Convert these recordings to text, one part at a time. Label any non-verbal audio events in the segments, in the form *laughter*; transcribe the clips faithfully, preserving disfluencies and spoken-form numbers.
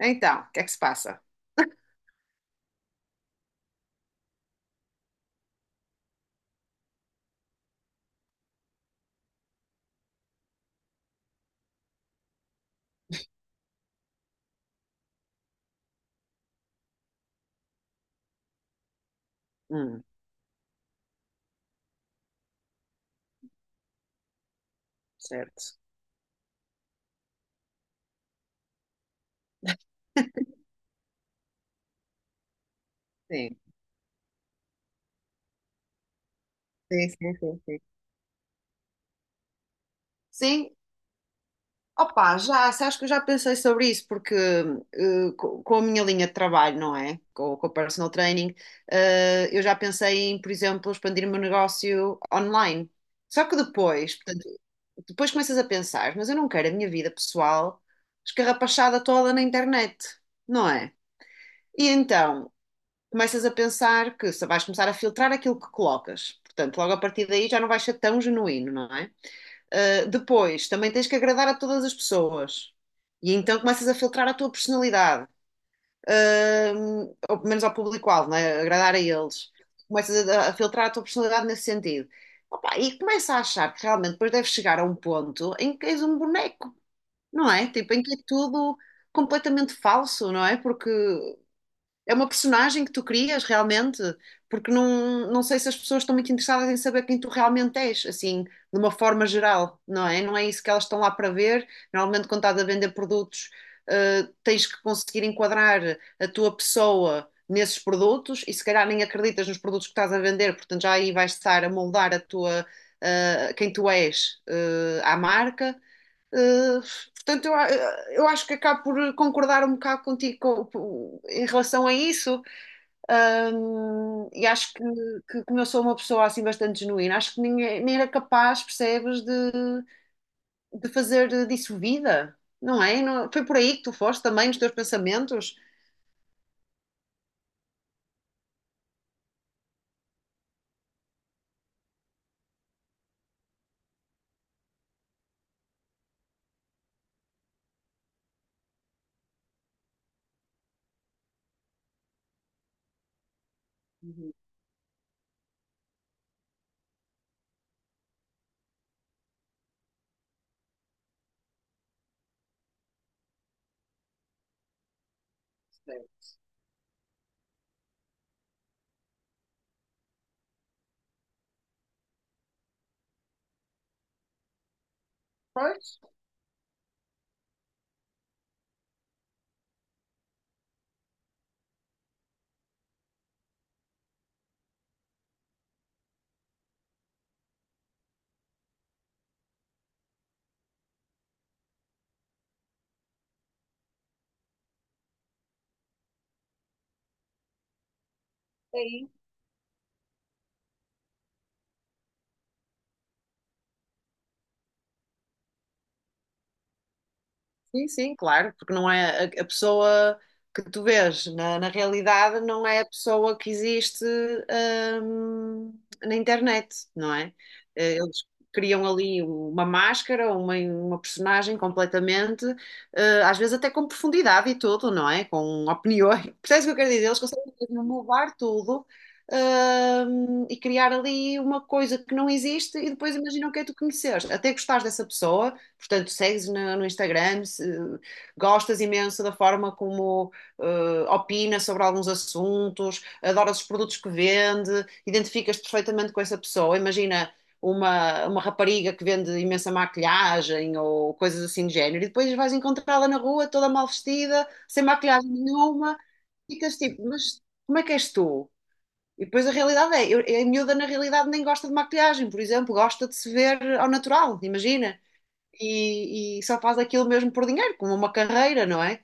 Então, o que é que se passa? Hum, certo. *laughs* Sim, sim, sim, sim, sim. Sim, opá, já, sabes que eu já pensei sobre isso, porque eh, co- com a minha linha de trabalho, não é? Com, com o personal training, eh, eu já pensei em, por exemplo, expandir o meu negócio online. Só que depois, portanto, depois começas a pensar, mas eu não quero a minha vida pessoal escarrapachada toda na internet, não é? E então, começas a pensar que se vais começar a filtrar aquilo que colocas. Portanto, logo a partir daí já não vais ser tão genuíno, não é? Ah, depois, também tens que agradar a todas as pessoas. E então começas a filtrar a tua personalidade. Ahm, ou pelo menos ao público-alvo, não é? Agradar a eles. Começas a, a filtrar a tua personalidade nesse sentido. Opa, e começa a achar que realmente depois deves chegar a um ponto em que és um boneco, não é? Tipo, em que é tudo completamente falso, não é? Porque é uma personagem que tu crias realmente, porque não, não sei se as pessoas estão muito interessadas em saber quem tu realmente és, assim, de uma forma geral, não é? Não é isso que elas estão lá para ver. Normalmente, quando estás a vender produtos, eh, tens que conseguir enquadrar a tua pessoa nesses produtos e se calhar nem acreditas nos produtos que estás a vender, portanto já aí vais estar a moldar a tua, eh, quem tu és, eh, à marca. Uh, portanto, eu, eu acho que acabo por concordar um bocado contigo com- com- em relação a isso. Um, e acho que, que como eu sou uma pessoa assim bastante genuína, acho que ninguém, nem era capaz, percebes, de, de fazer disso vida, não é? Não- foi por aí que tu foste também nos teus pensamentos? Sim. Pois. É. Sim, sim, claro, porque não é a, a pessoa que tu vês na, na realidade não é a pessoa que existe, hum, na internet, não é? Eh, Eles criam ali uma máscara, uma, uma personagem completamente, eh, às vezes até com profundidade e tudo, não é? Com opiniões. *laughs* Percebes o que eu quero dizer? Eles conseguem mesmo mudar tudo. Hum, e criar ali uma coisa que não existe e depois imaginam que é tu conheceres. Até gostares dessa pessoa, portanto, segues no, no Instagram, se- gostas imenso da forma como eh, opina sobre alguns assuntos, adoras os produtos que vende, identificas-te perfeitamente com essa pessoa. Imagina uma, uma rapariga que vende imensa maquilhagem ou coisas assim de género, e depois vais encontrá-la na rua toda mal vestida, sem maquilhagem nenhuma, ficas tipo, mas como é que és tu? E depois a realidade é, eu, a miúda na realidade nem gosta de maquilhagem, por exemplo, gosta de se ver ao natural, imagina. E, e só faz aquilo mesmo por dinheiro, como uma carreira, não é?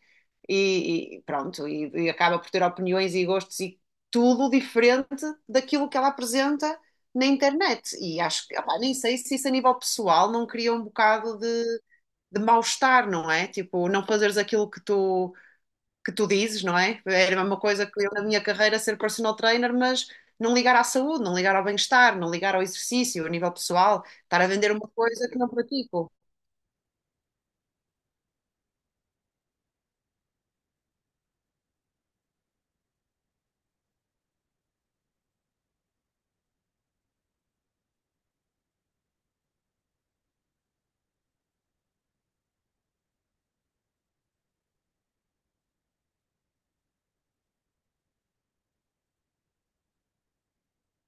E, e pronto, e, e acaba por ter opiniões e gostos e tudo diferente daquilo que ela apresenta na internet. E acho que, opá, nem sei se isso a nível pessoal não cria um bocado de, de mal-estar, não é? Tipo, não fazeres aquilo que tu, que tu dizes, não é? Era uma coisa que eu na minha carreira ser personal trainer, mas. Não ligar à saúde, não ligar ao bem-estar, não ligar ao exercício, a nível pessoal, estar a vender uma coisa que não pratico.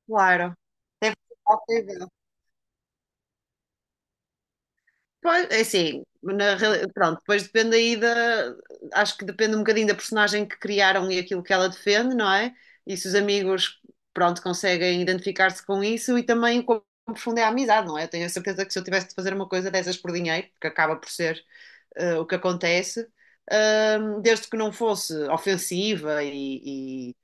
Claro. Deve ser possível. Pois, é assim, na reali- pronto, depois depende aí da. Acho que depende um bocadinho da personagem que criaram e aquilo que ela defende, não é? E se os amigos, pronto, conseguem identificar-se com isso e também como profunda é a amizade, não é? Eu tenho a certeza que se eu tivesse de fazer uma coisa dessas por dinheiro, que acaba por ser eh, o que acontece, ahm, desde que não fosse ofensiva e,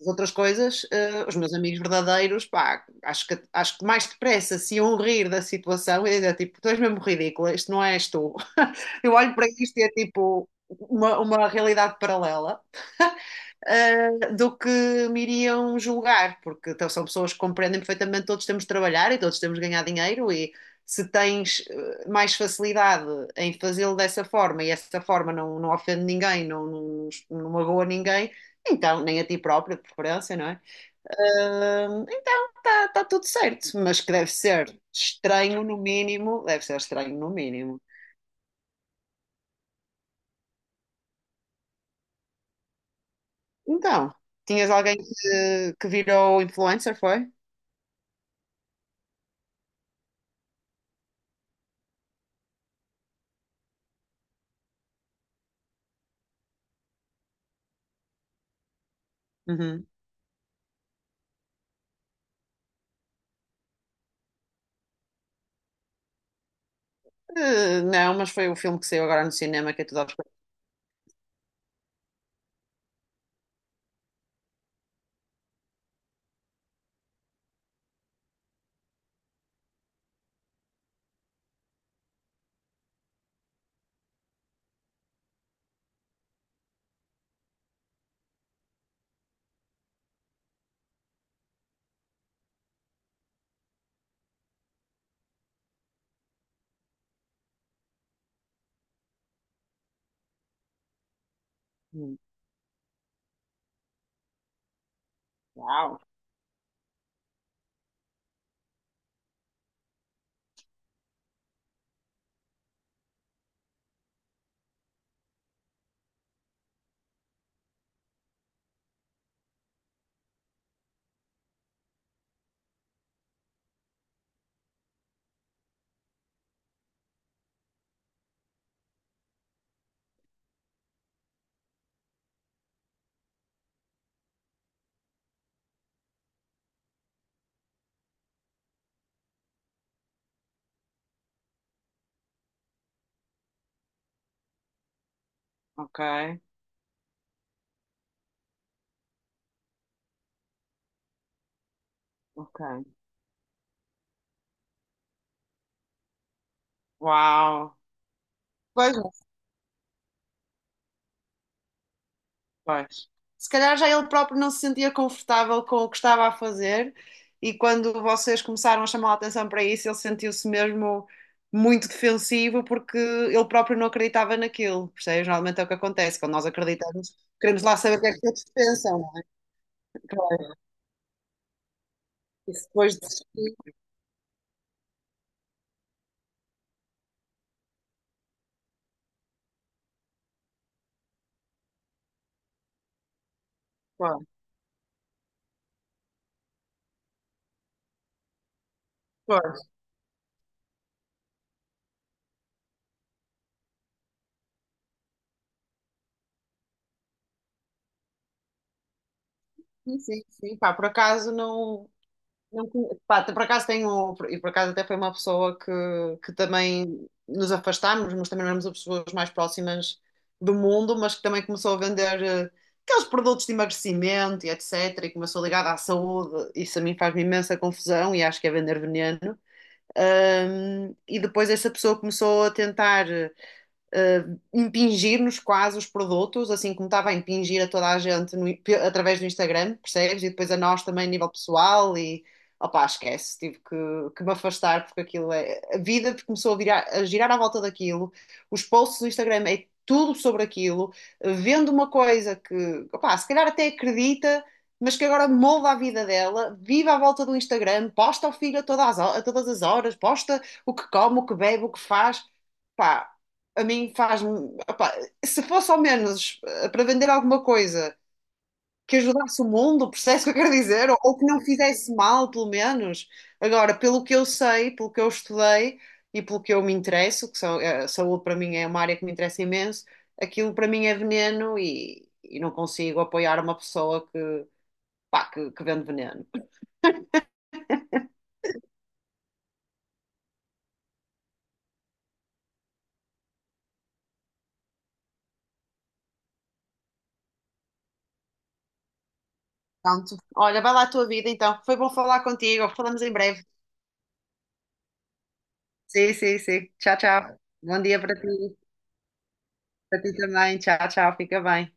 as outras coisas, eh, os meus amigos verdadeiros, pá, acho que, acho que mais depressa se iam rir da situação e dizer, tipo, tu és mesmo ridícula, isto não és tu. *laughs* Eu olho para isto e é tipo uma, uma realidade paralela. Eh, do que me iriam julgar, porque então, são pessoas que compreendem perfeitamente todos temos de trabalhar e todos temos de ganhar dinheiro e se tens eh, mais facilidade em fazê-lo dessa forma e essa forma não, não ofende ninguém, não, não, não magoa ninguém, então, nem a ti próprio, de preferência, não é? Hum, então está tá tá tudo certo, mas que deve ser estranho no mínimo, deve ser estranho no mínimo. Então, tinhas alguém que, que virou influencer, foi? Uhum. Eh, não, mas foi o filme que saiu agora no cinema que é tudo aos... Hum. Uau. Ok, ok. Uau. Pois. Pois. Se calhar já ele próprio não se sentia confortável com o que estava a fazer, e quando vocês começaram a chamar a atenção para isso, ele sentiu-se mesmo muito defensivo porque ele próprio não acreditava naquilo. Percebes? Normalmente é o que acontece, quando nós acreditamos, queremos lá saber o que é que eles pensam. Não é? E se depois desistir, pá. Pô. Sim, sim, sim, pá, por acaso não. Não conhe- pá, por acaso tenho, e por acaso até foi uma pessoa que, que também nos afastámos, mas também não éramos as pessoas mais próximas do mundo, mas que também começou a vender eh, aqueles produtos de emagrecimento e etecétera. E começou ligada à saúde. Isso a mim faz-me imensa confusão e acho que é vender veneno. Ahm, e depois essa pessoa começou a tentar uh, impingir-nos quase os produtos, assim como estava a impingir a toda a gente no- pe- através do Instagram, percebes? E depois a nós também a nível pessoal e opá, esquece, tive que, que me afastar porque aquilo é. A vida começou a, virar- a girar à volta daquilo, os posts do Instagram é tudo sobre aquilo, vendo uma coisa que, opá, se calhar até acredita. Mas que agora molda a vida dela, vive à volta do Instagram, posta ao filho a todas as ho- a todas as horas, posta o que come, o que bebe, o que faz. Pá, a mim faz-me. Opá, se fosse ao menos eh, para vender alguma coisa que ajudasse o mundo, percebes o que eu quero dizer? Ou, ou que não fizesse mal, pelo menos. Agora, pelo que eu sei, pelo que eu estudei e pelo que eu me interesso, que são, eh, a saúde para mim é uma área que me interessa imenso, aquilo para mim é veneno e, e não consigo apoiar uma pessoa que, pá, que, que vende veneno. Portanto, olha, vai lá a tua vida então. Foi bom falar contigo. Falamos em breve. Sim, sim, sim. Tchau, tchau. Bom dia para ti. Para ti também. Tchau, tchau. Fica bem.